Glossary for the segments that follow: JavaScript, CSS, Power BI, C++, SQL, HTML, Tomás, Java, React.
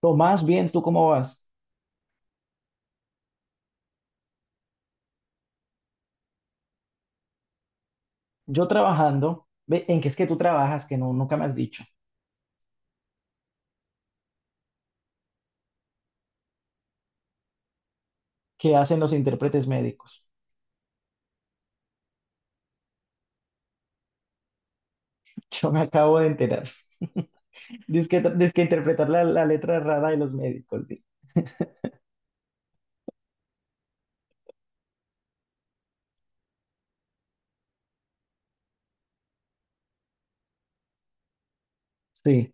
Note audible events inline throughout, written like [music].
Tomás, bien, ¿tú cómo vas? Yo trabajando, ve, ¿en qué es que tú trabajas? Que no, nunca me has dicho. ¿Qué hacen los intérpretes médicos? [laughs] Yo me acabo de enterar. [laughs] Dice que interpretar la letra rara de los médicos, sí. Sí.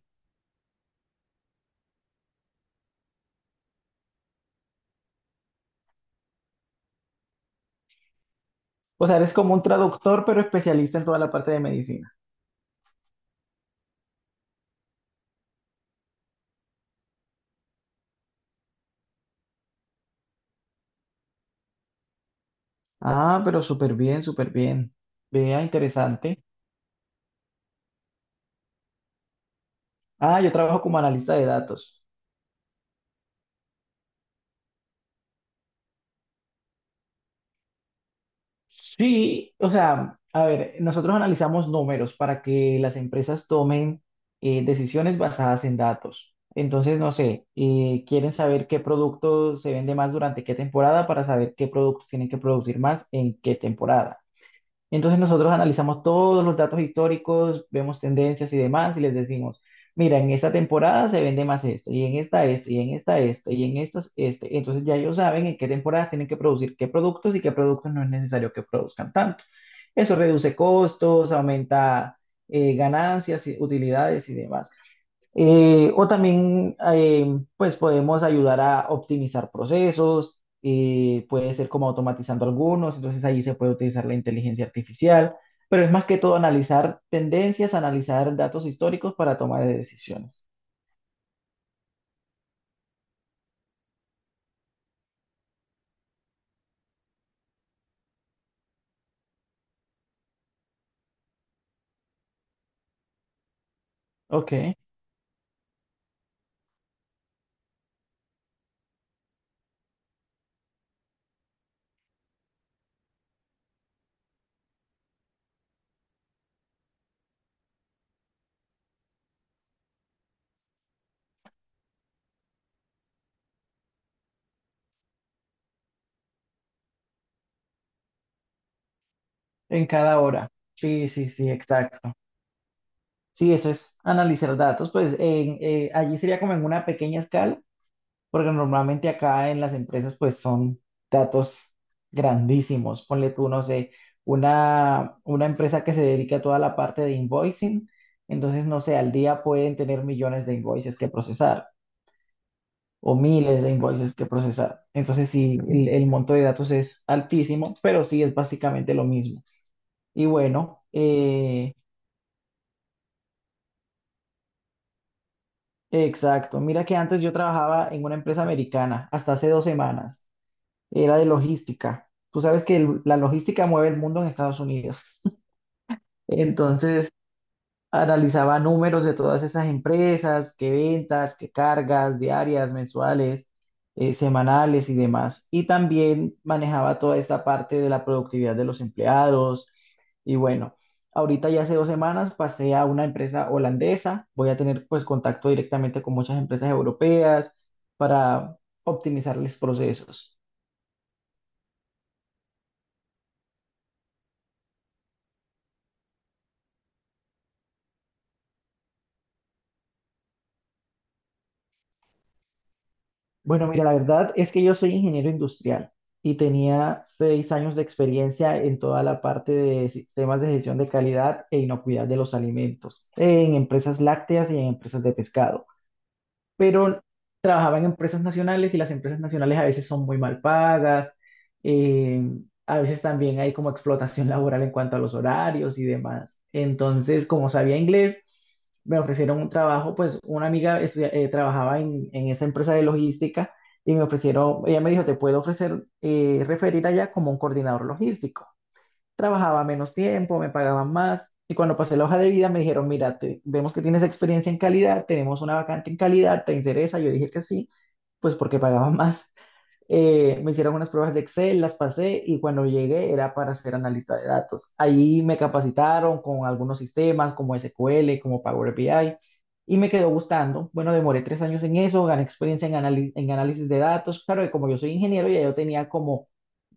O sea, eres como un traductor, pero especialista en toda la parte de medicina. Ah, pero súper bien, súper bien. Vea, interesante. Ah, yo trabajo como analista de datos. Sí, o sea, a ver, nosotros analizamos números para que las empresas tomen decisiones basadas en datos. Entonces, no sé, quieren saber qué producto se vende más durante qué temporada para saber qué productos tienen que producir más en qué temporada. Entonces nosotros analizamos todos los datos históricos, vemos tendencias y demás y les decimos, mira, en esta temporada se vende más este, y en esta este, y en esta este, y en estas este. Entonces ya ellos saben en qué temporadas tienen que producir qué productos y qué productos no es necesario que produzcan tanto. Eso reduce costos, aumenta ganancias, y- utilidades y demás. O también, pues podemos ayudar a optimizar procesos, puede ser como automatizando algunos, entonces ahí se puede utilizar la inteligencia artificial, pero es más que todo analizar tendencias, analizar datos históricos para tomar decisiones. Ok, en cada hora. Sí, sí, sí, exacto. Sí, eso es analizar datos, pues en- allí sería como en una pequeña escala. Porque normalmente acá en las empresas pues son datos grandísimos. Ponle tú, no sé, una empresa que se dedica a toda la parte de invoicing, entonces no sé, al día pueden tener millones de invoices que procesar o miles de invoices que procesar. Entonces sí, el monto de datos es altísimo, pero sí es básicamente lo mismo. Y bueno, exacto. Mira que antes yo trabajaba en una empresa americana hasta hace 2 semanas. Era de logística. Tú sabes que el- la logística mueve el mundo en Estados Unidos. [laughs] Entonces, analizaba números de todas esas empresas, qué ventas, qué cargas diarias, mensuales, semanales y demás. Y también manejaba toda esta parte de la productividad de los empleados. Y bueno, ahorita ya hace 2 semanas pasé a una empresa holandesa. Voy a tener pues contacto directamente con muchas empresas europeas para optimizarles procesos. Bueno, mira, la verdad es que yo soy ingeniero industrial y tenía 6 años de experiencia en toda la parte de sistemas de gestión de calidad e inocuidad de los alimentos, en empresas lácteas y en empresas de pescado, pero trabajaba en empresas nacionales y las empresas nacionales a veces son muy mal pagas, eh, a veces también hay como explotación [laughs] laboral en cuanto a los horarios y demás. Entonces, como sabía inglés, me ofrecieron un trabajo, pues una amiga trabajaba en esa empresa de logística y me ofrecieron, ella me dijo, te puedo ofrecer, referir allá como un coordinador logístico. Trabajaba menos tiempo, me pagaban más. Y cuando pasé la hoja de vida me dijeron, mira, te- vemos que tienes experiencia en calidad, tenemos una vacante en calidad, ¿te interesa? Yo dije que sí, pues porque pagaban más. Me hicieron unas pruebas de Excel, las pasé y cuando llegué era para ser analista de datos. Ahí me capacitaron con algunos sistemas como SQL, como Power BI y me quedó gustando. Bueno, demoré 3 años en eso, gané experiencia en, anali- en análisis de datos. Claro que como yo soy ingeniero, ya yo tenía como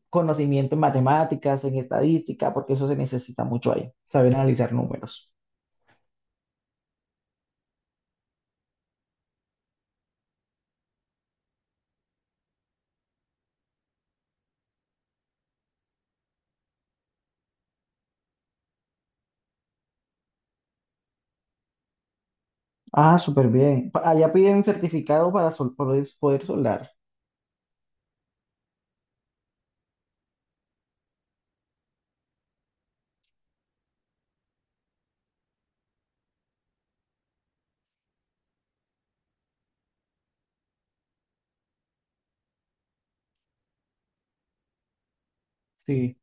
conocimiento en matemáticas, en estadística, porque eso se necesita mucho ahí, saber analizar números. Ah, súper bien. Pa- Allá piden certificado para sol- poder, poder soldar. Sí.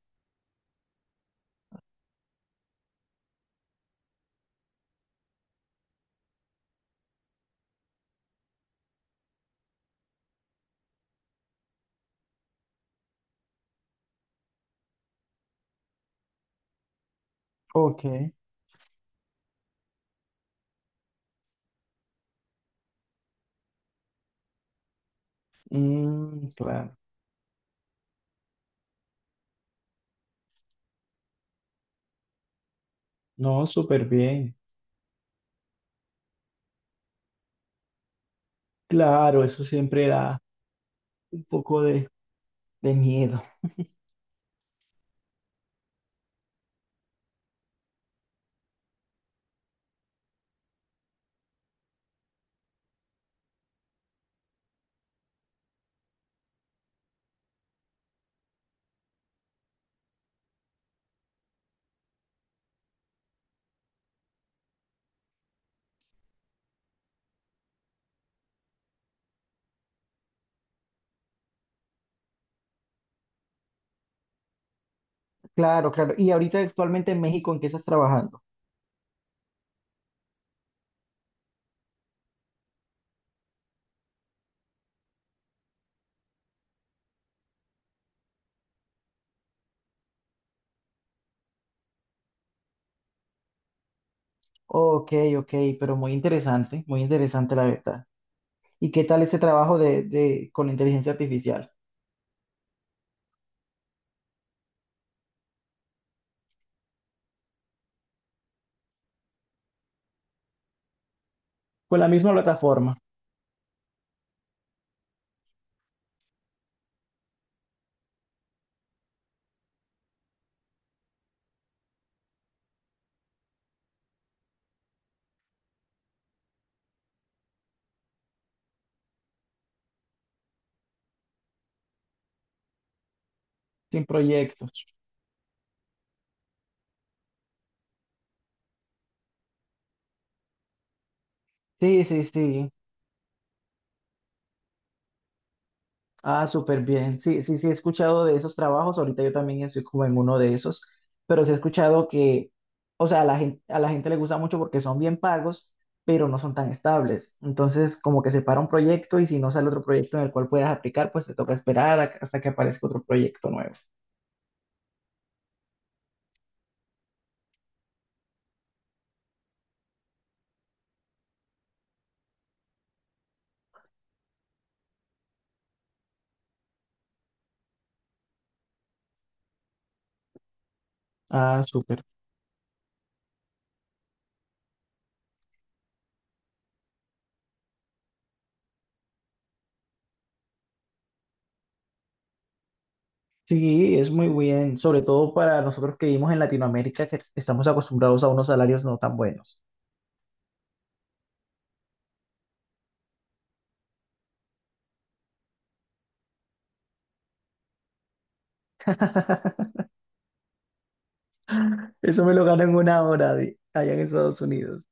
Ok. Mm, claro. No, súper bien. Claro, eso siempre da un poco de miedo. Claro, claro. Y ahorita actualmente en México, ¿en qué estás trabajando? Ok, ok, pero muy interesante la verdad. ¿Y qué tal ese trabajo de, con la inteligencia artificial? Con la misma plataforma, sin proyectos. Sí, sí, sí. Ah, súper bien. Sí, sí, sí, he escuchado de esos trabajos. Ahorita yo también estoy como en uno de esos, pero sí he escuchado que, o sea, a la gente le gusta mucho porque son bien pagos, pero no son tan estables. Entonces, como que se para un proyecto y si no sale otro proyecto en el cual puedas aplicar, pues te toca esperar a- hasta que aparezca otro proyecto nuevo. Ah, súper. Sí, es muy bien, sobre todo para nosotros que vivimos en Latinoamérica, que estamos acostumbrados a unos salarios no tan buenos. [laughs] Eso me lo gano en una hora de, allá en Estados Unidos.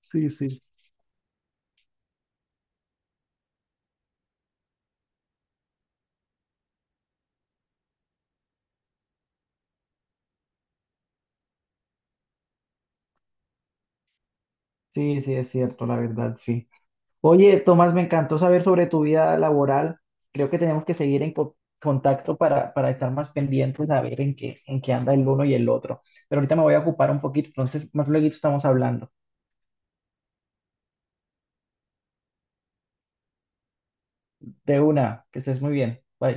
Sí, sí, sí, es cierto, la verdad, sí. Oye, Tomás, me encantó saber sobre tu vida laboral. Creo que tenemos que seguir en co- contacto para estar más pendientes a ver en qué anda el uno y el otro. Pero ahorita me voy a ocupar un poquito, entonces más luego estamos hablando. De una, que estés muy bien. Bye.